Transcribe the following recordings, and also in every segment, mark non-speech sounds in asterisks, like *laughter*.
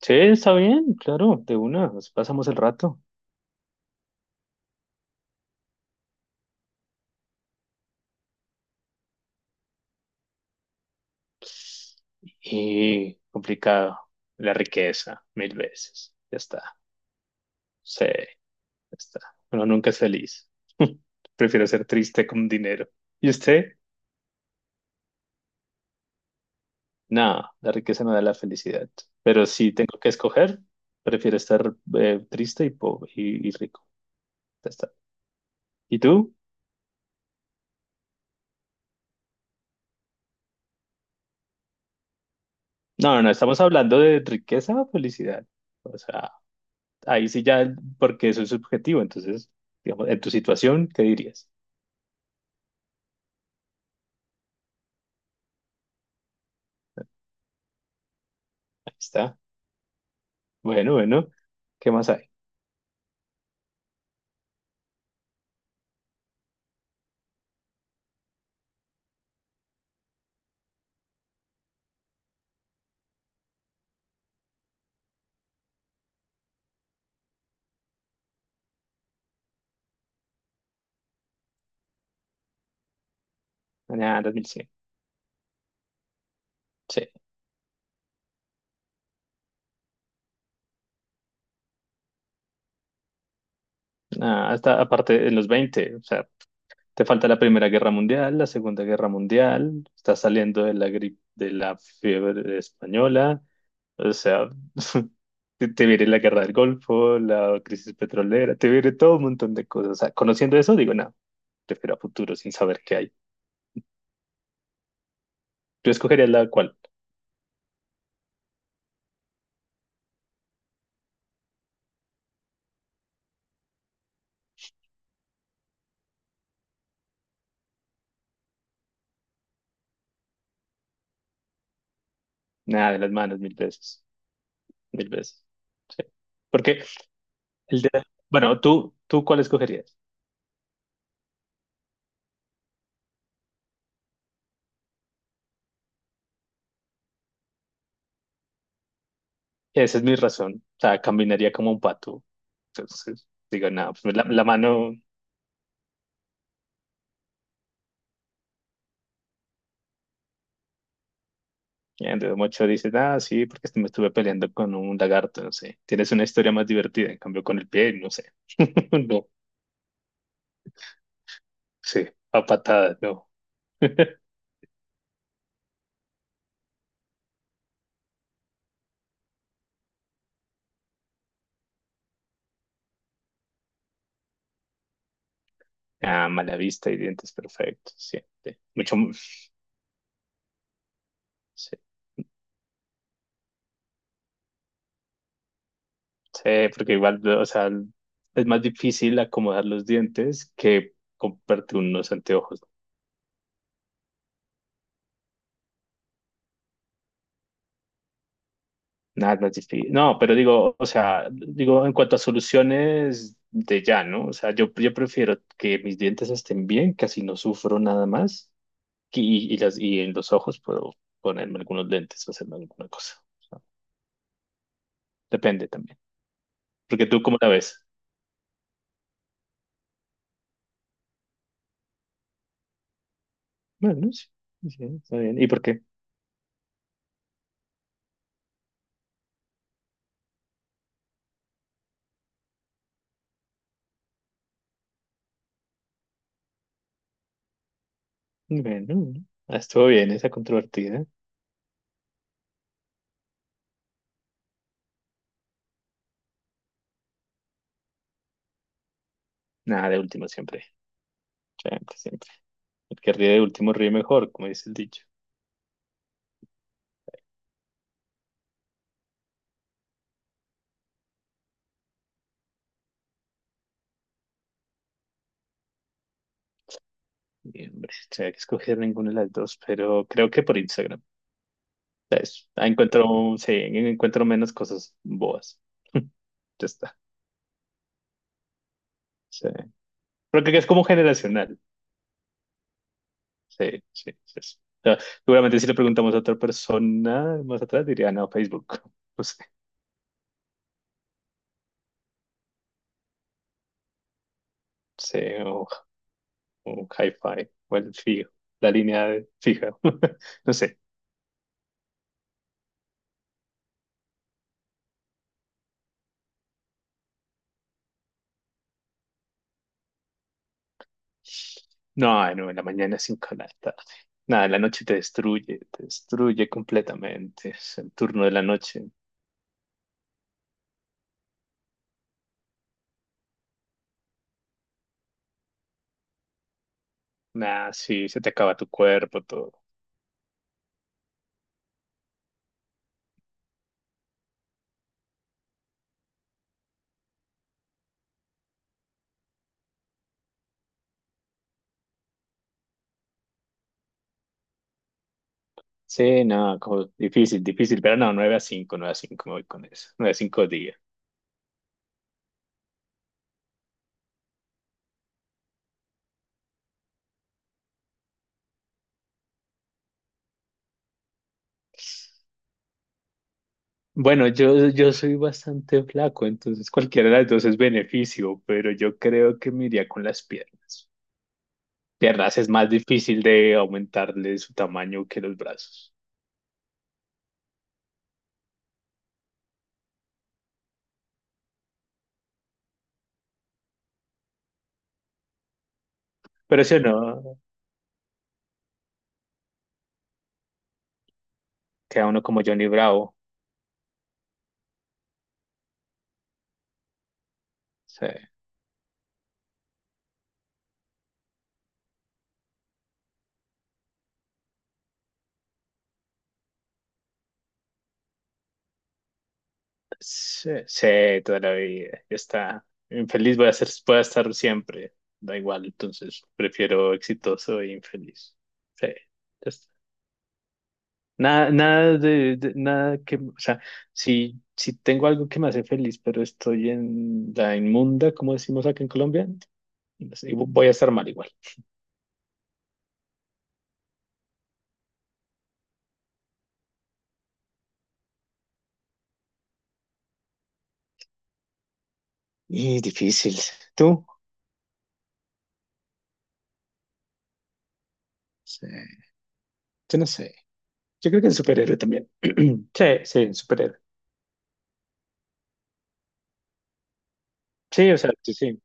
Sí, está bien, claro, de una, nos pasamos el rato. Y complicado, la riqueza, mil veces. Ya está, sí, ya está. Uno nunca es feliz. Prefiero ser triste con dinero. ¿Y usted? No, la riqueza no da la felicidad. Pero si tengo que escoger, prefiero estar triste y pobre y, rico. Ya está. ¿Y tú? No, no, no, estamos hablando de riqueza o felicidad. O sea, ahí sí ya, porque eso es subjetivo. Entonces, digamos, en tu situación, ¿qué dirías? Ahí está. Bueno, bueno. ¿Qué más hay? Ah, 2100. Sí. Ah, hasta aparte en los veinte. O sea, te falta la Primera Guerra Mundial, la Segunda Guerra Mundial. Estás saliendo de la gripe, de la fiebre española. O sea, *laughs* te viene la Guerra del Golfo, la crisis petrolera, te viene todo un montón de cosas. O sea, conociendo eso, digo, no, prefiero a futuro sin saber qué hay. ¿Tú escogerías la cual? Nada, de las manos, mil veces. Mil veces. Sí. Porque el de... Bueno, ¿tú cuál escogerías? Esa es mi razón. O sea, caminaría como un pato. Entonces, digo, nada, pues la mano... El dedo mocho dice, ah, sí, porque este me estuve peleando con un lagarto, no sé. Tienes una historia más divertida, en cambio con el pie, no sé. *laughs* No, sí, a patadas, no. *laughs* Ah, mala vista y dientes perfectos, sí. Sí. Mucho, sí. Sí, porque igual, o sea, es más difícil acomodar los dientes que comprarte unos anteojos. Nada, es más difícil. No, pero digo, o sea, digo, en cuanto a soluciones de ya, ¿no? O sea, yo prefiero que mis dientes estén bien, casi no sufro nada más, y en los ojos puedo ponerme algunos lentes o hacerme alguna cosa. O sea, depende también. Porque tú, ¿cómo la ves? Bueno, sí, sí, está bien. ¿Y por qué? Bueno, estuvo bien esa controvertida. Nada, de último siempre. Siempre, siempre. El que ríe de último ríe mejor, como dice el dicho. Y, hombre, tendría que escoger ninguna de las dos, pero creo que por Instagram. ¿Sabes? Ah, encuentro, sí, encuentro menos cosas boas. *laughs* Ya está. Sí. pero creo que es como generacional. Sí, sí, sí. Sí. O sea, seguramente si le preguntamos a otra persona más atrás, diría, no, Facebook. *laughs* No sé. Sí, o, o Hi-Fi, o el fijo, la línea de fija. *laughs* No sé. No, no, en la mañana es 5 de la tarde. Nada, la noche te destruye completamente. Es el turno de la noche. Nada, sí, se te acaba tu cuerpo, todo. Sí, no, como difícil, difícil, pero no, 9 a 5, 9 a cinco, me voy con eso. 9 a 5 días. Bueno, yo soy bastante flaco, entonces cualquiera de las dos es beneficio, pero yo creo que me iría con las piernas. Piernas es más difícil de aumentarle su tamaño que los brazos. Pero eso no, queda uno como Johnny Bravo. Sí. Sí, sí, toda la vida. Ya está. Infeliz voy a ser, voy a estar siempre. Da igual, entonces prefiero exitoso e infeliz. Sí, ya está. Nada, nada de, nada que, o sea, si tengo algo que me hace feliz, pero estoy en la inmunda, como decimos acá en Colombia, no voy a estar mal igual. Y difícil. ¿Tú? Sí. Yo no sé. Yo creo que el superhéroe también. *clears throat* Sí, sí, el superhéroe. Sí, o sea, sí, sí.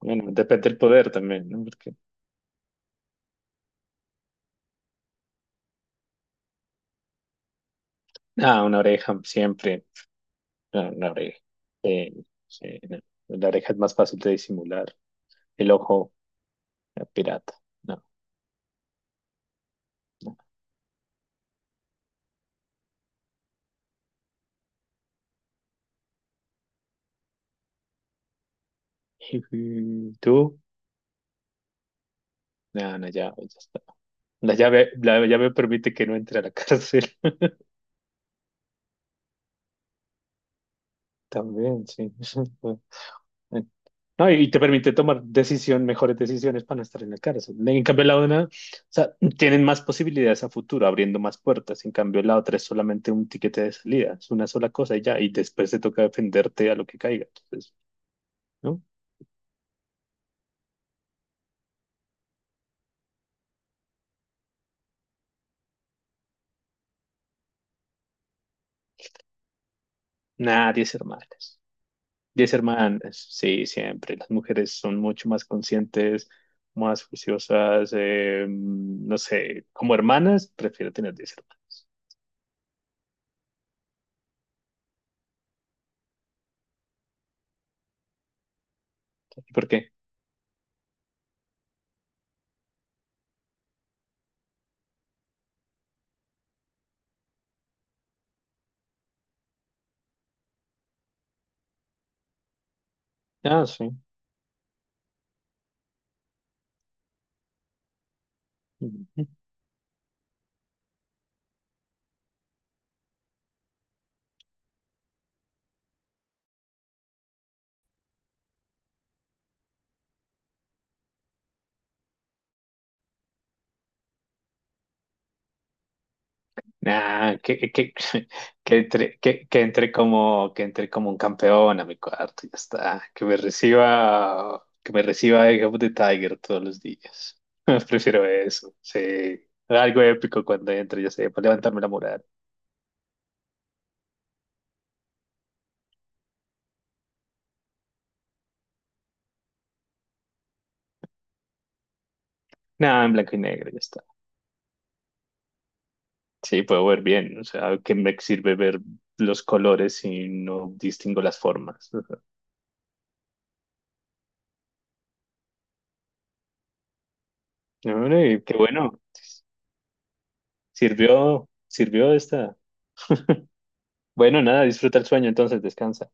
Bueno, depende del poder también, ¿no? Porque, ah, una oreja siempre, ah, una oreja. Eh, sí, no. La oreja es más fácil de disimular. El ojo, pirata. No, no. *laughs* Ujú. ¿Tú? No, no, ya, ya está. La llave permite que no entre a la cárcel. *laughs* También, sí. *laughs* No, y te permite tomar decisión, mejores decisiones para no estar en la cárcel. En cambio, la una, o sea, tienen más posibilidades a futuro, abriendo más puertas. En cambio, la otra es solamente un tiquete de salida, es una sola cosa y ya, y después te toca defenderte a lo que caiga. Entonces, ¿no? Nada, 10 hermanas. 10 hermanas, sí, siempre. Las mujeres son mucho más conscientes, más juiciosas, no sé, como hermanas, prefiero tener 10 hermanas. ¿Por qué? Ah, sí. Nah, que *laughs* entre, que entre como un campeón a mi cuarto, ya está. Que me reciba Eye of the Tiger todos los días. *laughs* Prefiero eso, sí. Algo épico cuando entre, ya sé, para levantarme la moral. Nada, en blanco y negro, ya está. Sí, puedo ver bien, o sea, ¿qué me sirve ver los colores si no distingo las formas? *laughs* Ajá. Hombre, qué bueno, sirvió, sirvió esta. Bueno, nada, disfruta el sueño, entonces descansa.